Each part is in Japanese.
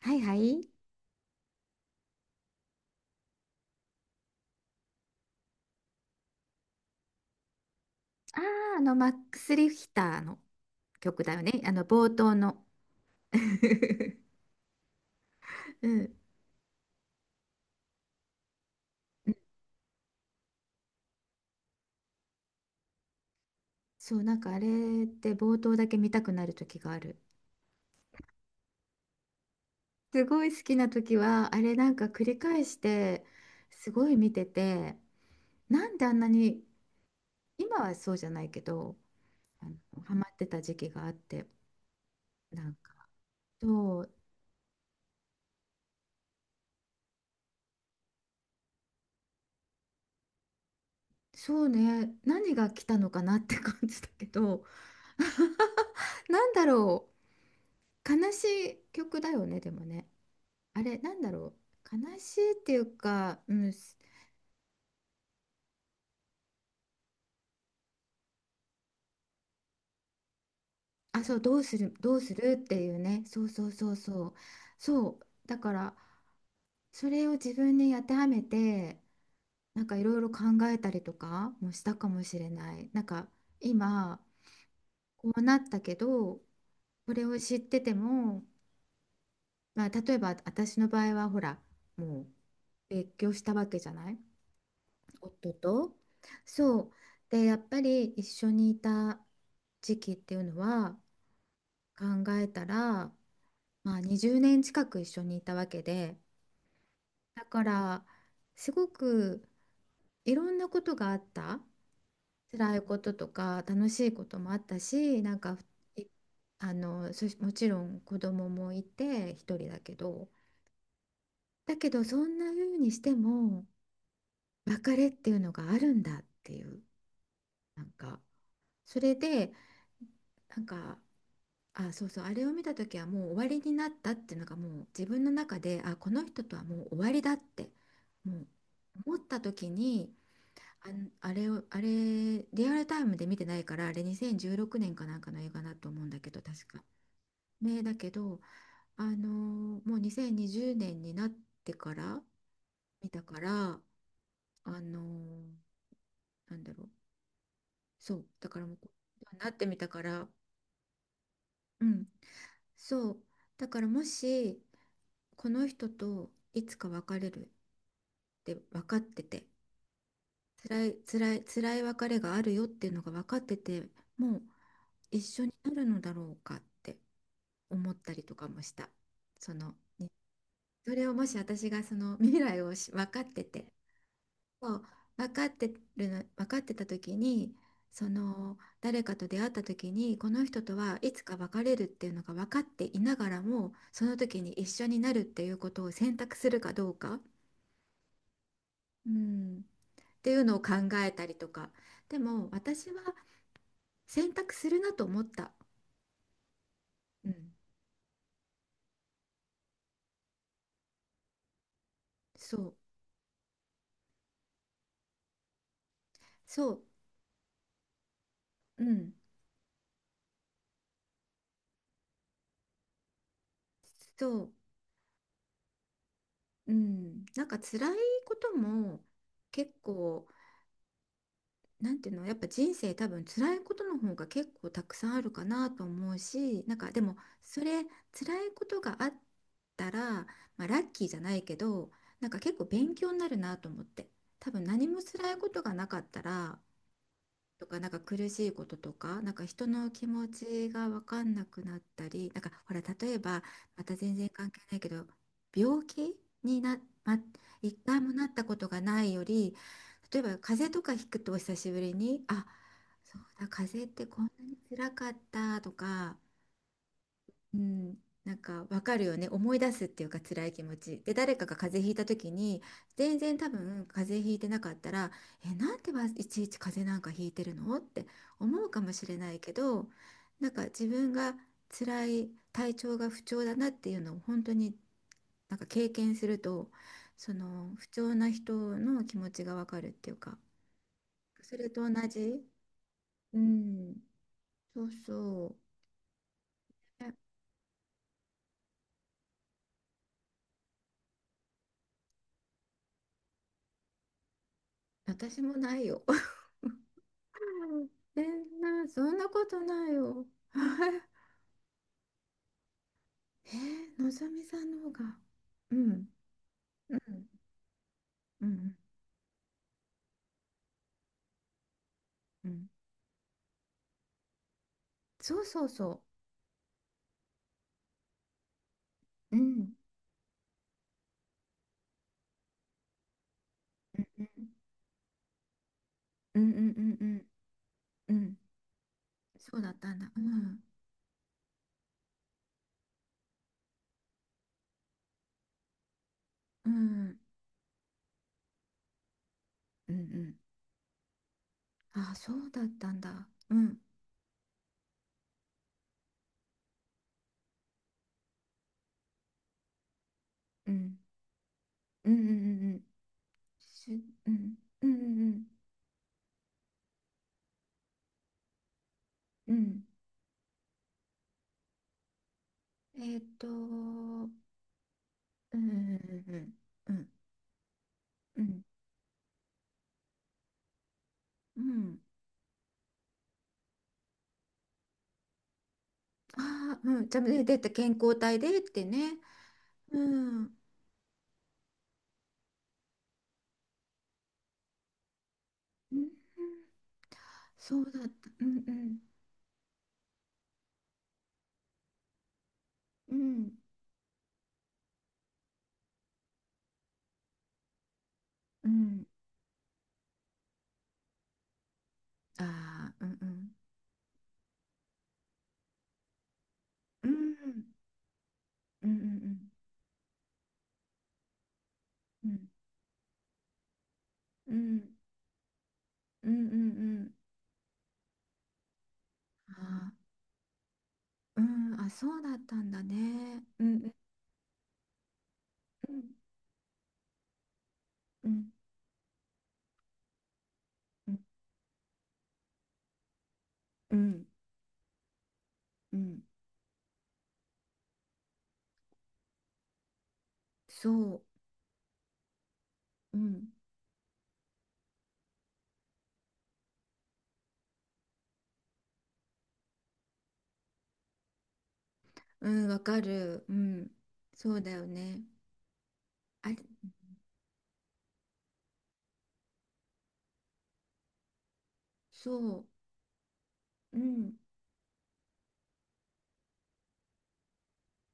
はいはい。ああ、マックス・リヒターの曲だよね。冒頭の。うん。そう、なんかあれって冒頭だけ見たくなる時がある。すごい好きな時は、あれなんか繰り返して、すごい見てて、なんであんなに、今はそうじゃないけど、あの、ハマってた時期があって、なんか、そう、そうね、何が来たのかなって感じだけど、なんだろう、悲しい曲だよね、でもね。あれ、なんだろう。悲しいっていうか、うん、あ、そう、どうする、どうするっていうね。そうそうそうそう。そう。だから、それを自分に当てはめて、なんかいろいろ考えたりとかもしたかもしれない。なんか、今、こうなったけど、これを知ってても、まあ、例えば私の場合は、ほら、もう別居したわけじゃない。夫と。そう。で、やっぱり一緒にいた時期っていうのは、考えたら、まあ、20年近く一緒にいたわけで、だからすごくいろんなことがあった。辛いこととか楽しいこともあったし、なんかいもちろん子供もいて一人だけど、だけどそんな風にしても別れっていうのがあるんだっていう、なんかそれで、なんか、あ、そうそう、あれを見た時はもう終わりになったっていうのがもう自分の中で、あ、この人とはもう終わりだって、もう思った時に、あれを、あれ、リアルタイムで見てないから、あれ2016年かなんかの映画だと思うんだけど、確か。ね、だけど、もう2020年にじゅうねんになってから見たから、あのーなんだろう、そう、だからもう、なってみたから、うん、そう、だからもし、この人といつか別れるって分かってて、辛い辛い辛い別れがあるよっていうのが分かってて、もう一緒になるのだろうかって思ったりとかもした。その、ね、それをもし私がその未来を分かってて、そう、分かって分かってた時に、その誰かと出会った時にこの人とはいつか別れるっていうのが分かっていながらもその時に一緒になるっていうことを選択するかどうか、うん、っていうのを考えたりとか。でも私は選択するなと思った。うん、そうそう、うん、そう、うん、なんか辛いことも結構、なんていうの、やっぱ人生多分辛いことの方が結構たくさんあるかなと思うし、なんかでもそれ辛いことがあったら、まあ、ラッキーじゃないけど、なんか結構勉強になるなと思って。多分何も辛いことがなかったらとか、なんか苦しいこととか、なんか人の気持ちが分かんなくなったり、なんかほら、例えば、また全然関係ないけど、病気にな、ま、一回もなったことがないより、例えば風邪とかひくと久しぶりに、あ、そうだ、風邪ってこんなに辛かったとか、うん、なんかわかるよね。思い出すっていうか、辛い気持ちで誰かが風邪ひいた時に、全然多分風邪ひいてなかったら「え、なんでいちいち風邪なんかひいてるの？」って思うかもしれないけど、なんか自分が辛い、体調が不調だなっていうのを本当になんか経験すると、その不調な人の気持ちがわかるっていうか、それと同じ。うん、そうそう。え、私もないよ。そんなことないよ。はい。えのぞみさんの方が。うん、うん、うん、うん。そうそうそう。うん、うん、うん、うん、うん、うん。うんうん。そうだったんだ。うん、うん、うん、うん。あ、そうだったんだ。うん、うん、うん、うん、うん。しゅ、うん、うん、うん、うん。うん。うん、うん、うん、うん、うん、うん。うん。ああ、うん、じゃあ、ね、出て健康体でってね。うん。うん。そうだった。うんうん。うん。うん。ああ、うんうん。うん。うんうんうん。うん。うんうんうん。ああ、うん。あ、そうだったんだね。うんうんうんうんうんうん。そう。うん。うん、わかる。うん。そうだよね。あれ、そう。うん。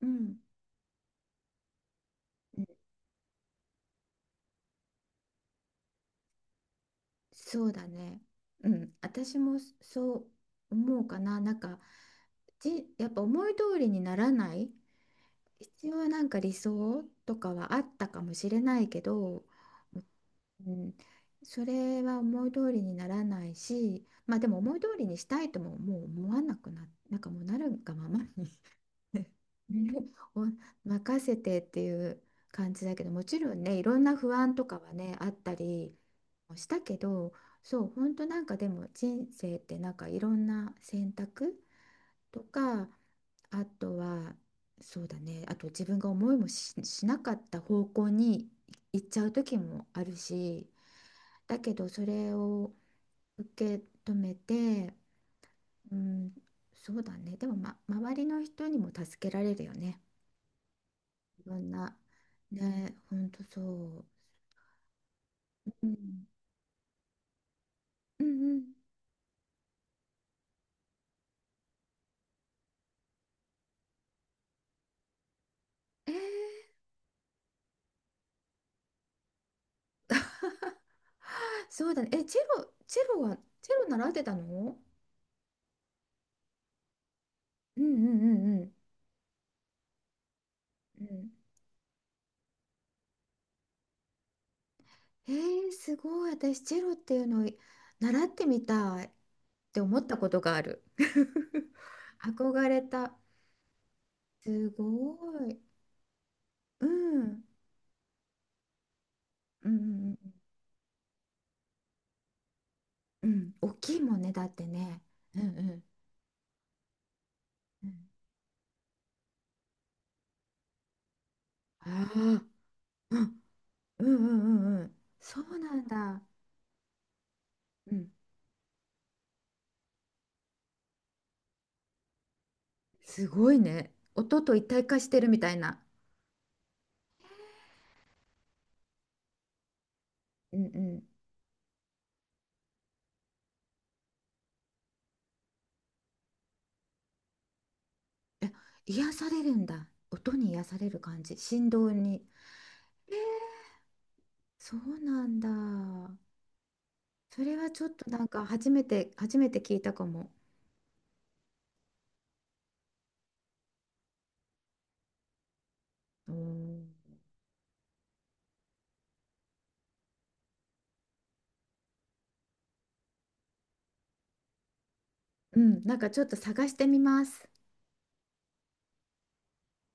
うん。そうだね。うん、私もそう思うかな。なんか、やっぱ思い通りにならない、必要、なんか理想とかはあったかもしれないけど、うん、それは思い通りにならないし、まあでも思い通りにしたいとももう思わなくな、なんかもうなるがままに ね、お任せてっていう感じだけど、もちろんね、いろんな不安とかはね、あったり。したけど。そう、本当、なんかでも人生ってなんかいろんな選択とか、あとは、そうだね、あと自分が思いもし、しなかった方向に行っちゃう時もあるし。だけどそれを受け止めて。うん、そうだね。でも、ま、周りの人にも助けられるよね、いろんな。ね、本当そう、うん、うんうん。えーそうだね。え、チェロは、チェロ習ってたの。うんうんうんうん。うん。すごい。私、チェロっていうのを習ってみたいって思ったことがある。憧れた。すごい。うん。うんうんうんうん。大きいもんね、だってね。うんうんうん。ああ、うんうんうんうんうん。そうなんだ。うん。すごいね。音と一体化してるみたいな。うんうん。え、癒されるんだ。音に癒される感じ。振動に。えー、そうなんだ。それはちょっと、なんか初めて聞いたかも。うん、うん。なんかちょっと探してみます。